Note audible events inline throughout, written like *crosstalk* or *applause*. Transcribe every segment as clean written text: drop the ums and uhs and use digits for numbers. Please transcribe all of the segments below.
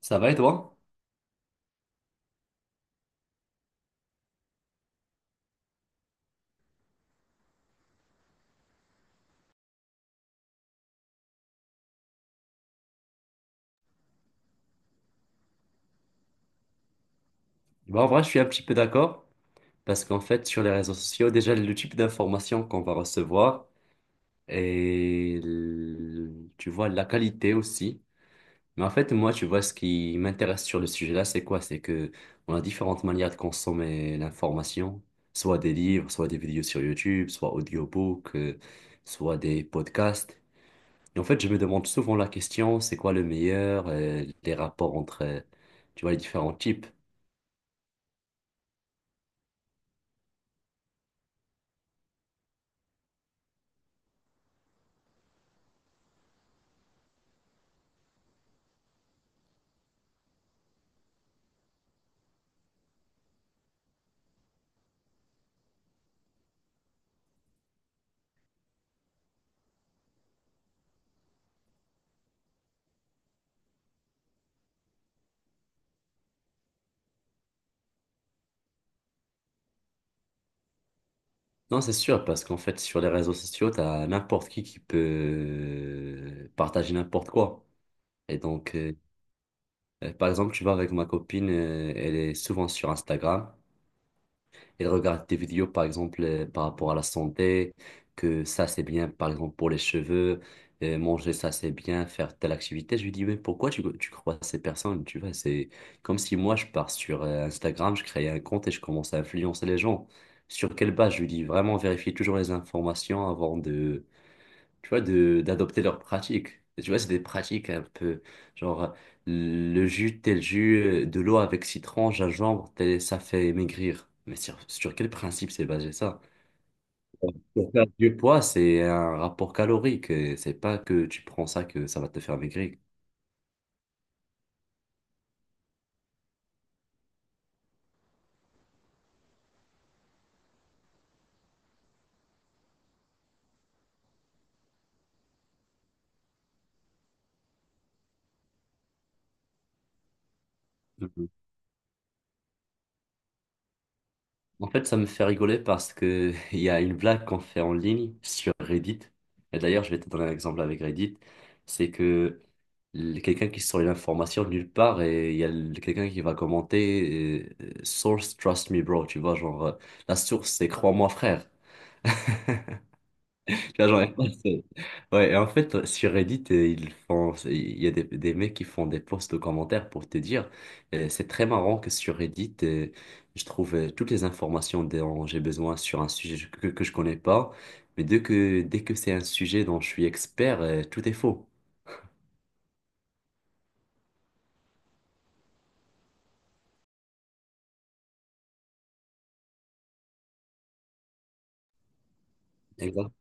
Ça va et toi? Bah, en vrai, je suis un petit peu d'accord parce qu'en fait, sur les réseaux sociaux, déjà, le type d'information qu'on va recevoir et tu vois la qualité aussi. Mais en fait, moi, tu vois, ce qui m'intéresse sur le sujet-là, c'est quoi? C'est que on a différentes manières de consommer l'information, soit des livres, soit des vidéos sur YouTube, soit audiobooks, soit des podcasts. Et en fait, je me demande souvent la question, c'est quoi le meilleur, les rapports entre, tu vois, les différents types. Non, c'est sûr, parce qu'en fait, sur les réseaux sociaux, t'as n'importe qui peut partager n'importe quoi. Et donc, par exemple, tu vois, avec ma copine, elle est souvent sur Instagram, ils regardent des vidéos, par exemple, par rapport à la santé, que ça, c'est bien, par exemple, pour les cheveux, manger ça, c'est bien, faire telle activité. Je lui dis, mais pourquoi tu crois à ces personnes? Tu vois, c'est comme si moi, je pars sur Instagram, je crée un compte et je commence à influencer les gens. Sur quelle base? Je lui dis, vraiment, vérifier toujours les informations avant de, tu vois, d'adopter leurs pratiques. Et tu vois, c'est des pratiques un peu, genre, le jus, tel jus, de l'eau avec citron, gingembre, ça fait maigrir. Mais sur quel principe c'est basé ça? Pour faire du poids, c'est un rapport calorique. Et c'est pas que tu prends ça que ça va te faire maigrir. Mhm. En fait, ça me fait rigoler parce que *laughs* il y a une blague qu'on fait en ligne sur Reddit. Et d'ailleurs, je vais te donner un exemple avec Reddit. C'est que quelqu'un qui sort une information de nulle part et il y a quelqu'un qui va commenter source trust me bro, tu vois, genre, la source c'est crois-moi frère. *laughs* Tu vois, genre, *laughs* c'est- ouais. Et en fait, sur Reddit ils font il y a des mecs qui font des posts de commentaires pour te dire. C'est très marrant que sur Reddit, je trouve toutes les informations dont j'ai besoin sur un sujet que je connais pas, mais dès que c'est un sujet dont je suis expert, tout est faux. Exact.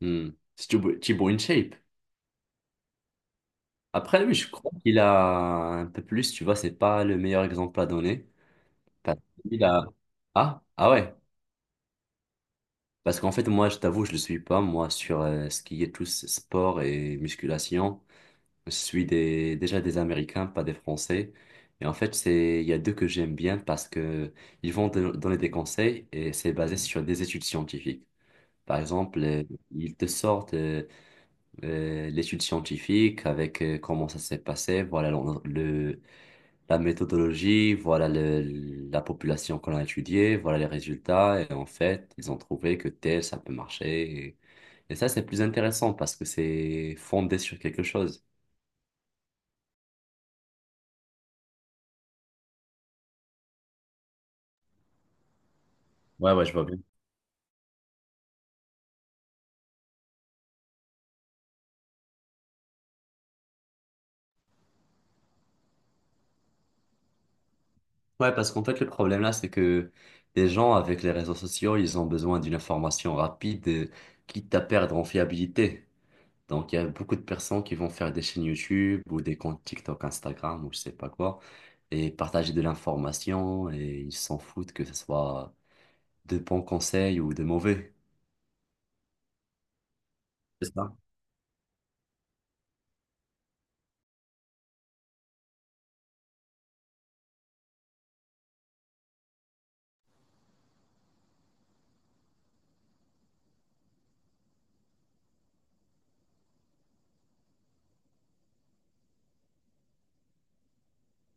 Hmm. Tu es in shape. Après, lui, je crois qu'il a un peu plus, tu vois, c'est pas le meilleur exemple à donner. Parce qu'il a... Ah, ah ouais. Parce qu'en fait, moi, je t'avoue, je le suis pas, moi, sur ce qui est tout ce sport et musculation. Je suis déjà des Américains, pas des Français. Et en fait, c'est, il y a deux que j'aime bien parce que ils vont te donner des conseils et c'est basé sur des études scientifiques. Par exemple, ils te sortent l'étude scientifique avec comment ça s'est passé, voilà le, la méthodologie, voilà la population qu'on a étudiée, voilà les résultats. Et en fait, ils ont trouvé que tel, ça peut marcher. Et ça, c'est plus intéressant parce que c'est fondé sur quelque chose. Ouais, ouais, je vois bien. Ouais, parce qu'en fait, le problème là, c'est que les gens avec les réseaux sociaux, ils ont besoin d'une information rapide, quitte à perdre en fiabilité. Donc, il y a beaucoup de personnes qui vont faire des chaînes YouTube ou des comptes TikTok, Instagram ou je sais pas quoi, et partager de l'information et ils s'en foutent que ce soit de bons conseils ou de mauvais. C'est ça.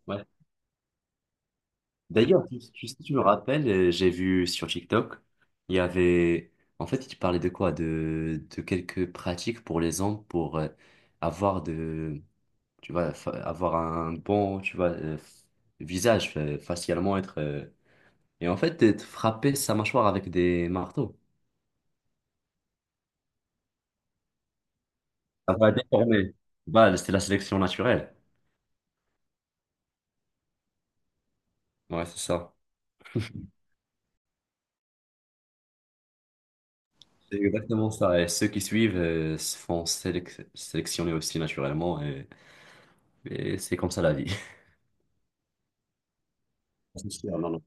Ouais. D'ailleurs, si tu me rappelles, j'ai vu sur TikTok, il y avait, en fait, tu parlais de quoi? De quelques pratiques pour les hommes pour avoir de, tu vois, avoir un bon, tu vois, visage, facialement être, et en fait, être frapper sa mâchoire avec des marteaux. Ça va déformer. Bah, c'est la sélection naturelle. Ouais, c'est ça. C'est exactement ça. Et ceux qui suivent se font sélectionner aussi naturellement. Et c'est comme ça la vie. *laughs* C'est sûr, non, non.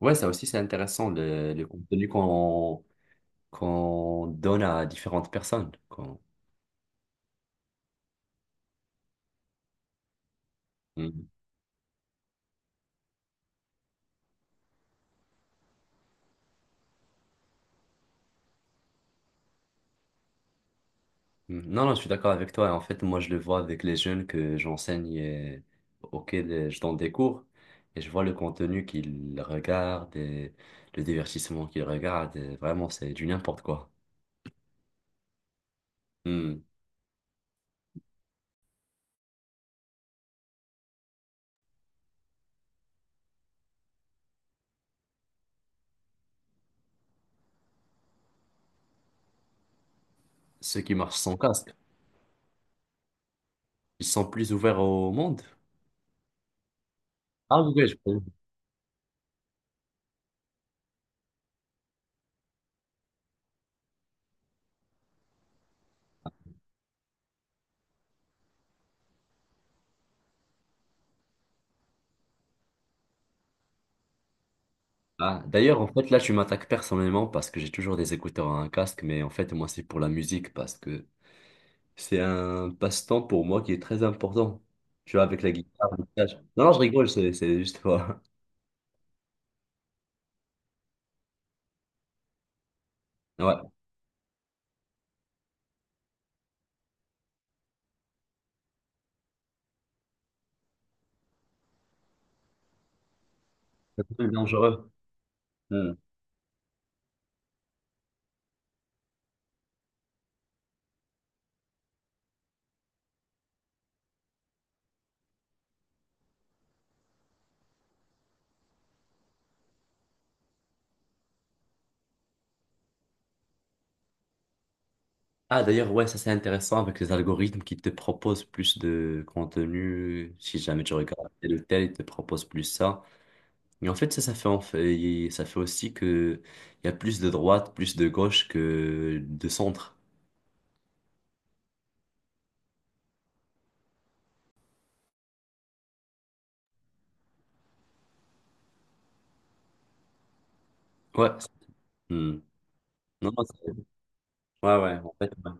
Ouais, ça aussi, c'est intéressant, le contenu qu'on donne à différentes personnes. Mm. Mm. Non, non, je suis d'accord avec toi. En fait, moi, je le vois avec les jeunes que j'enseigne, auxquels je donne des cours. Et je vois le contenu qu'ils regardent et le divertissement qu'ils regardent. Et vraiment, c'est du n'importe quoi. Mm. Ceux qui marchent sans casque. Ils sont plus ouverts au monde? Ah oui, oui, je connais. Ah, d'ailleurs, en fait, là, tu m'attaques personnellement parce que j'ai toujours des écouteurs à un casque, mais en fait, moi, c'est pour la musique parce que c'est un passe-temps pour moi qui est très important. Tu vois, avec la guitare, le solfège. Non, non, je rigole, c'est juste quoi. *laughs* Ouais, c'est très dangereux. Hmm. Ah, d'ailleurs, ouais, ça, c'est intéressant avec les algorithmes qui te proposent plus de contenu. Si jamais tu regardes tel ou tel, ils te proposent plus ça. Mais en fait, ça fait aussi que il y a plus de droite, plus de gauche que de centre. Ouais. Hmm. Non, non, c'est- ouais, ouais, en fait, ouais.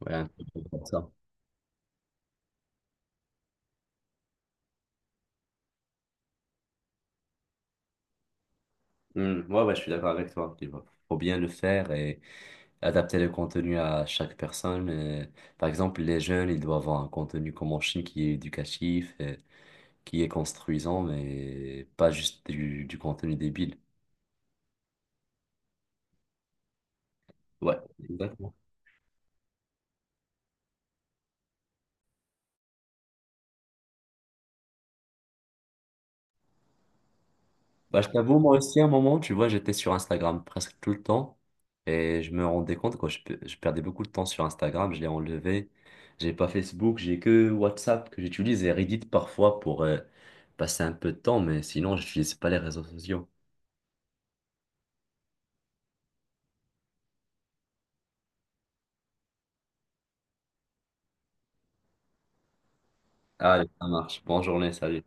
Ouais, un truc comme ça. Hmm. Ouais, ouais, je suis d'accord avec toi. Il faut bien le faire et adapter le contenu à chaque personne. Par exemple, les jeunes, ils doivent avoir un contenu comme en Chine qui est éducatif, qui est construisant, mais pas juste du contenu débile. Ouais, exactement. Bah, je t'avoue, moi aussi, à un moment, tu vois, j'étais sur Instagram presque tout le temps et je me rendais compte que je perdais beaucoup de temps sur Instagram, je l'ai enlevé. J'ai pas Facebook, j'ai que WhatsApp que j'utilise et Reddit parfois pour passer un peu de temps, mais sinon, j'utilise pas les réseaux sociaux. Allez, ça marche. Bonne journée, salut.